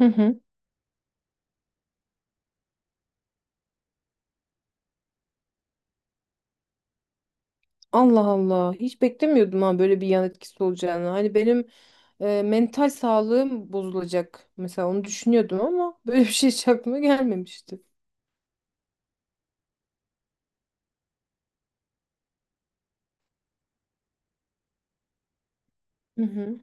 Hı hı. Allah Allah. Hiç beklemiyordum ha böyle bir yan etkisi olacağını. Hani benim mental sağlığım bozulacak. Mesela onu düşünüyordum ama böyle bir şey hiç aklıma gelmemişti. Hı hı.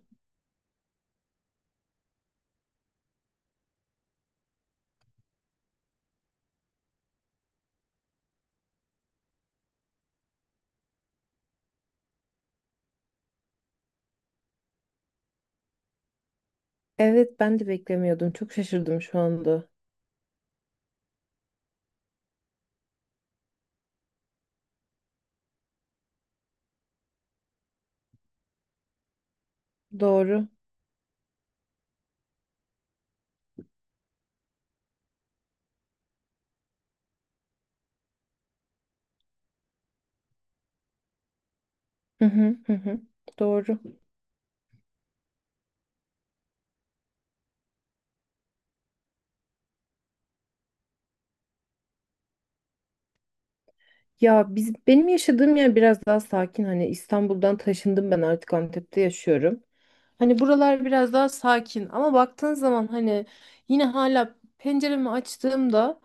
Evet ben de beklemiyordum. Çok şaşırdım şu anda. Doğru. Hı hı hı hı. Doğru. Ya benim yaşadığım yer biraz daha sakin. Hani İstanbul'dan taşındım ben artık Antep'te yaşıyorum. Hani buralar biraz daha sakin ama baktığın zaman hani yine hala penceremi açtığımda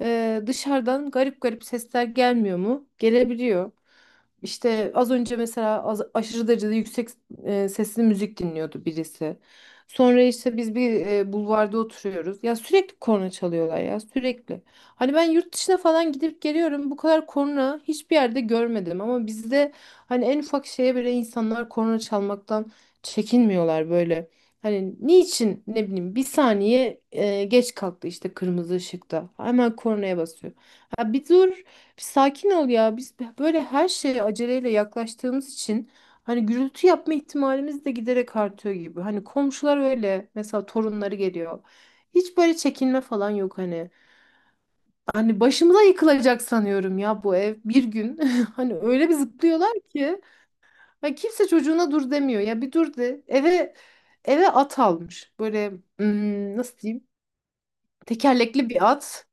dışarıdan garip garip sesler gelmiyor mu? Gelebiliyor. İşte az önce mesela aşırı derecede yüksek sesli müzik dinliyordu birisi. Sonra işte biz bir bulvarda oturuyoruz. Ya sürekli korna çalıyorlar ya sürekli. Hani ben yurt dışına falan gidip geliyorum. Bu kadar korna hiçbir yerde görmedim ama bizde hani en ufak şeye bile insanlar korna çalmaktan çekinmiyorlar böyle. Hani niçin ne bileyim bir saniye geç kalktı işte kırmızı ışıkta. Hemen kornaya basıyor. Ha bir dur bir sakin ol ya. Biz böyle her şeye aceleyle yaklaştığımız için hani gürültü yapma ihtimalimiz de giderek artıyor gibi. Hani komşular öyle mesela torunları geliyor. Hiç böyle çekinme falan yok hani. Hani başımıza yıkılacak sanıyorum ya bu ev bir gün. Hani öyle bir zıplıyorlar ki hani kimse çocuğuna dur demiyor. Ya bir dur de. Eve at almış. Böyle nasıl diyeyim? Tekerlekli bir at.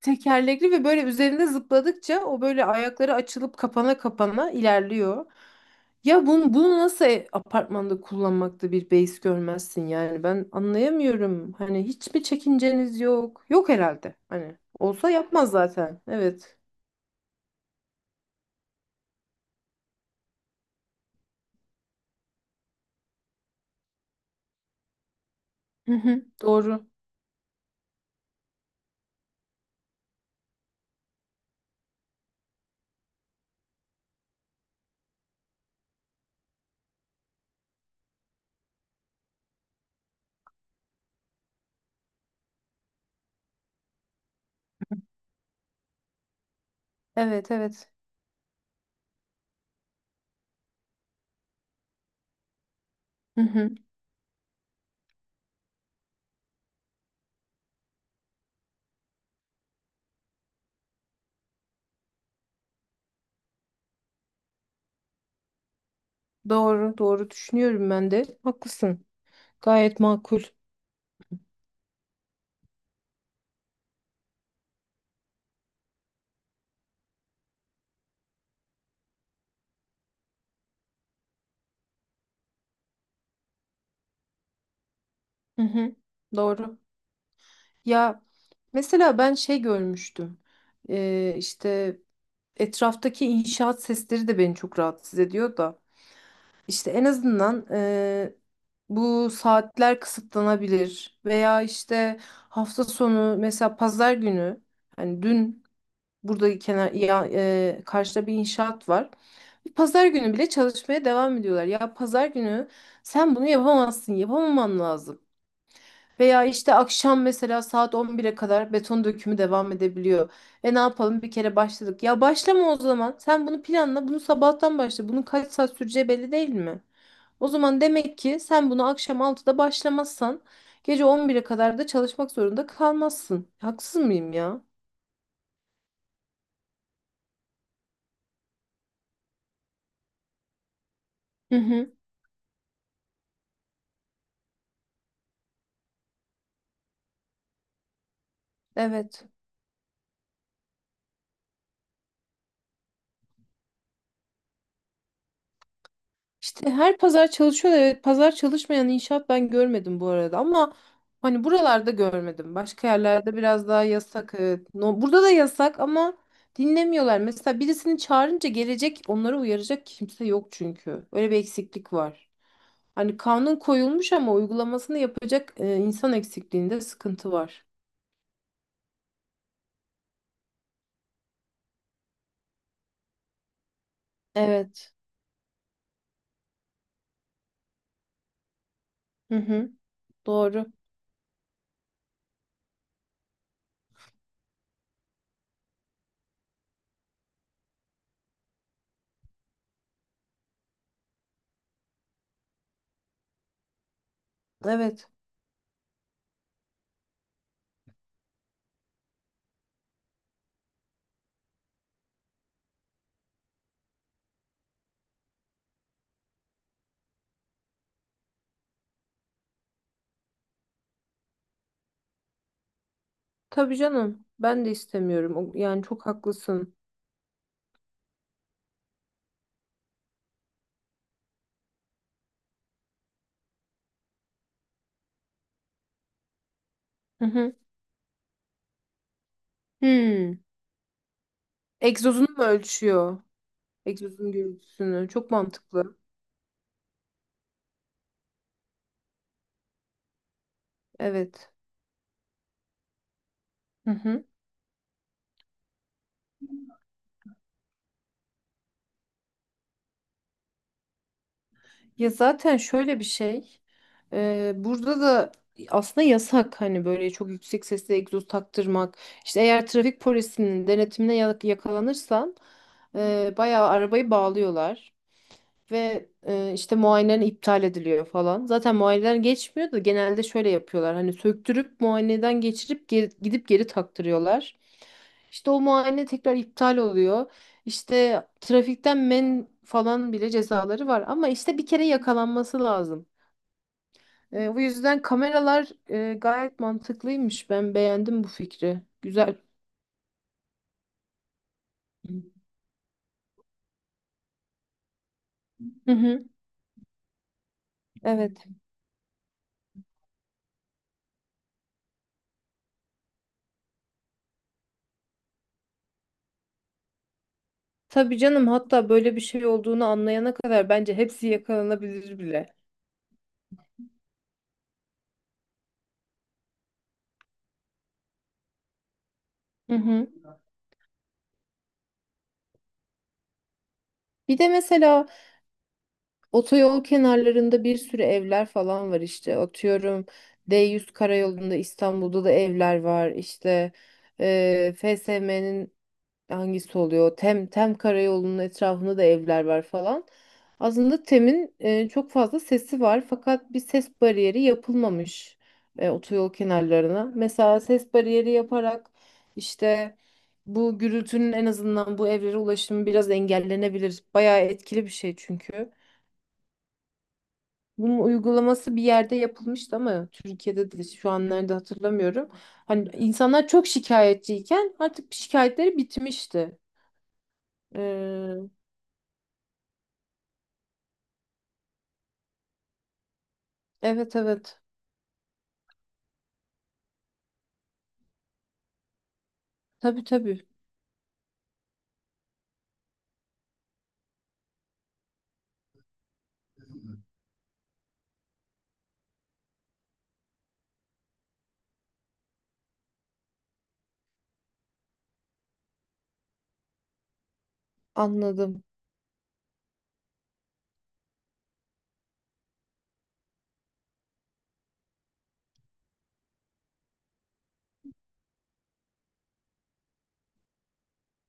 Tekerlekli ve böyle üzerinde zıpladıkça o böyle ayakları açılıp kapana kapana ilerliyor. Ya bunu nasıl apartmanda kullanmakta bir beis görmezsin yani ben anlayamıyorum. Hani hiç mi çekinceniz yok? Yok herhalde. Hani olsa yapmaz zaten. Evet. Hı hı, doğru. Evet evet. Hı hı, doğru doğru düşünüyorum ben de. Haklısın. Gayet makul. Hı hı, doğru. Ya mesela ben şey görmüştüm. İşte etraftaki inşaat sesleri de beni çok rahatsız ediyor da. İşte en azından bu saatler kısıtlanabilir veya işte hafta sonu mesela pazar günü hani dün burada kenar ya, karşıda bir inşaat var. Pazar günü bile çalışmaya devam ediyorlar. Ya pazar günü sen bunu yapamazsın, yapamaman lazım. Veya işte akşam mesela saat 11'e kadar beton dökümü devam edebiliyor. E ne yapalım bir kere başladık. Ya başlama o zaman. Sen bunu planla, bunu sabahtan başla. Bunun kaç saat süreceği belli değil mi? O zaman demek ki sen bunu akşam 6'da başlamazsan gece 11'e kadar da çalışmak zorunda kalmazsın. Haksız mıyım ya? Hı hı. Evet. İşte her pazar çalışıyorlar. Evet, pazar çalışmayan inşaat ben görmedim bu arada ama hani buralarda görmedim. Başka yerlerde biraz daha yasak. Evet. No, burada da yasak ama dinlemiyorlar. Mesela birisini çağırınca gelecek onları uyaracak kimse yok çünkü. Öyle bir eksiklik var. Hani kanun koyulmuş ama uygulamasını yapacak insan eksikliğinde sıkıntı var. Evet. Hı hı. Doğru. Evet. Tabii canım. Ben de istemiyorum. Yani çok haklısın. Hı hı. Hmm. Egzozunu mu ölçüyor? Egzozun gürültüsünü. Çok mantıklı. Evet. Hı hı. Ya zaten şöyle bir şey. Burada da aslında yasak hani böyle çok yüksek sesle egzoz taktırmak. İşte eğer trafik polisinin denetimine yakalanırsan bayağı arabayı bağlıyorlar. Ve işte muayeneler iptal ediliyor falan. Zaten muayeneler geçmiyor da genelde şöyle yapıyorlar. Hani söktürüp muayeneden geçirip gidip geri taktırıyorlar. İşte o muayene tekrar iptal oluyor. İşte trafikten men falan bile cezaları var. Ama işte bir kere yakalanması lazım. Bu yüzden kameralar gayet mantıklıymış. Ben beğendim bu fikri. Güzel. Hı hı, evet. Tabii canım hatta böyle bir şey olduğunu anlayana kadar bence hepsi yakalanabilir bile. Hı hı. Bir de mesela otoyol kenarlarında bir sürü evler falan var işte. Atıyorum D100 karayolunda İstanbul'da da evler var. İşte FSM'nin hangisi oluyor? Tem Karayolu'nun etrafında da evler var falan. Aslında Tem'in çok fazla sesi var fakat bir ses bariyeri yapılmamış otoyol kenarlarına. Mesela ses bariyeri yaparak işte bu gürültünün en azından bu evlere ulaşımı biraz engellenebilir. Bayağı etkili bir şey çünkü. Bunun uygulaması bir yerde yapılmıştı ama Türkiye'de de şu an nerede hatırlamıyorum. Hani insanlar çok şikayetçiyken artık şikayetleri bitmişti. Evet evet. Tabii tabii. Anladım.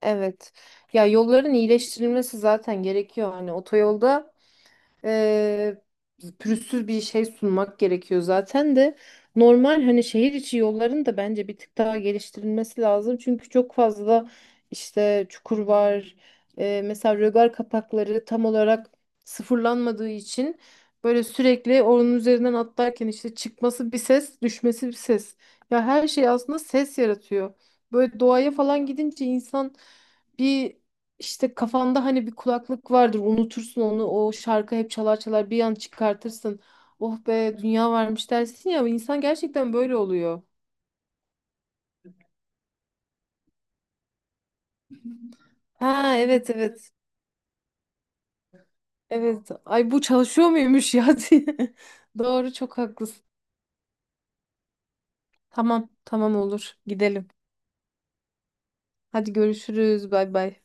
Evet. Ya yolların iyileştirilmesi zaten gerekiyor. Hani otoyolda e, pürüzsüz bir şey sunmak gerekiyor zaten de normal hani şehir içi yolların da bence bir tık daha geliştirilmesi lazım. Çünkü çok fazla işte çukur var. Mesela rögar kapakları tam olarak sıfırlanmadığı için böyle sürekli onun üzerinden atlarken işte çıkması bir ses, düşmesi bir ses. Ya her şey aslında ses yaratıyor. Böyle doğaya falan gidince insan bir işte kafanda hani bir kulaklık vardır unutursun onu o şarkı hep çalar çalar bir an çıkartırsın. Oh be dünya varmış dersin ya insan gerçekten böyle oluyor. Ha evet evet. Evet ay bu çalışıyor muymuş ya diye. Doğru çok haklısın. Tamam tamam olur gidelim. Hadi görüşürüz bay bay.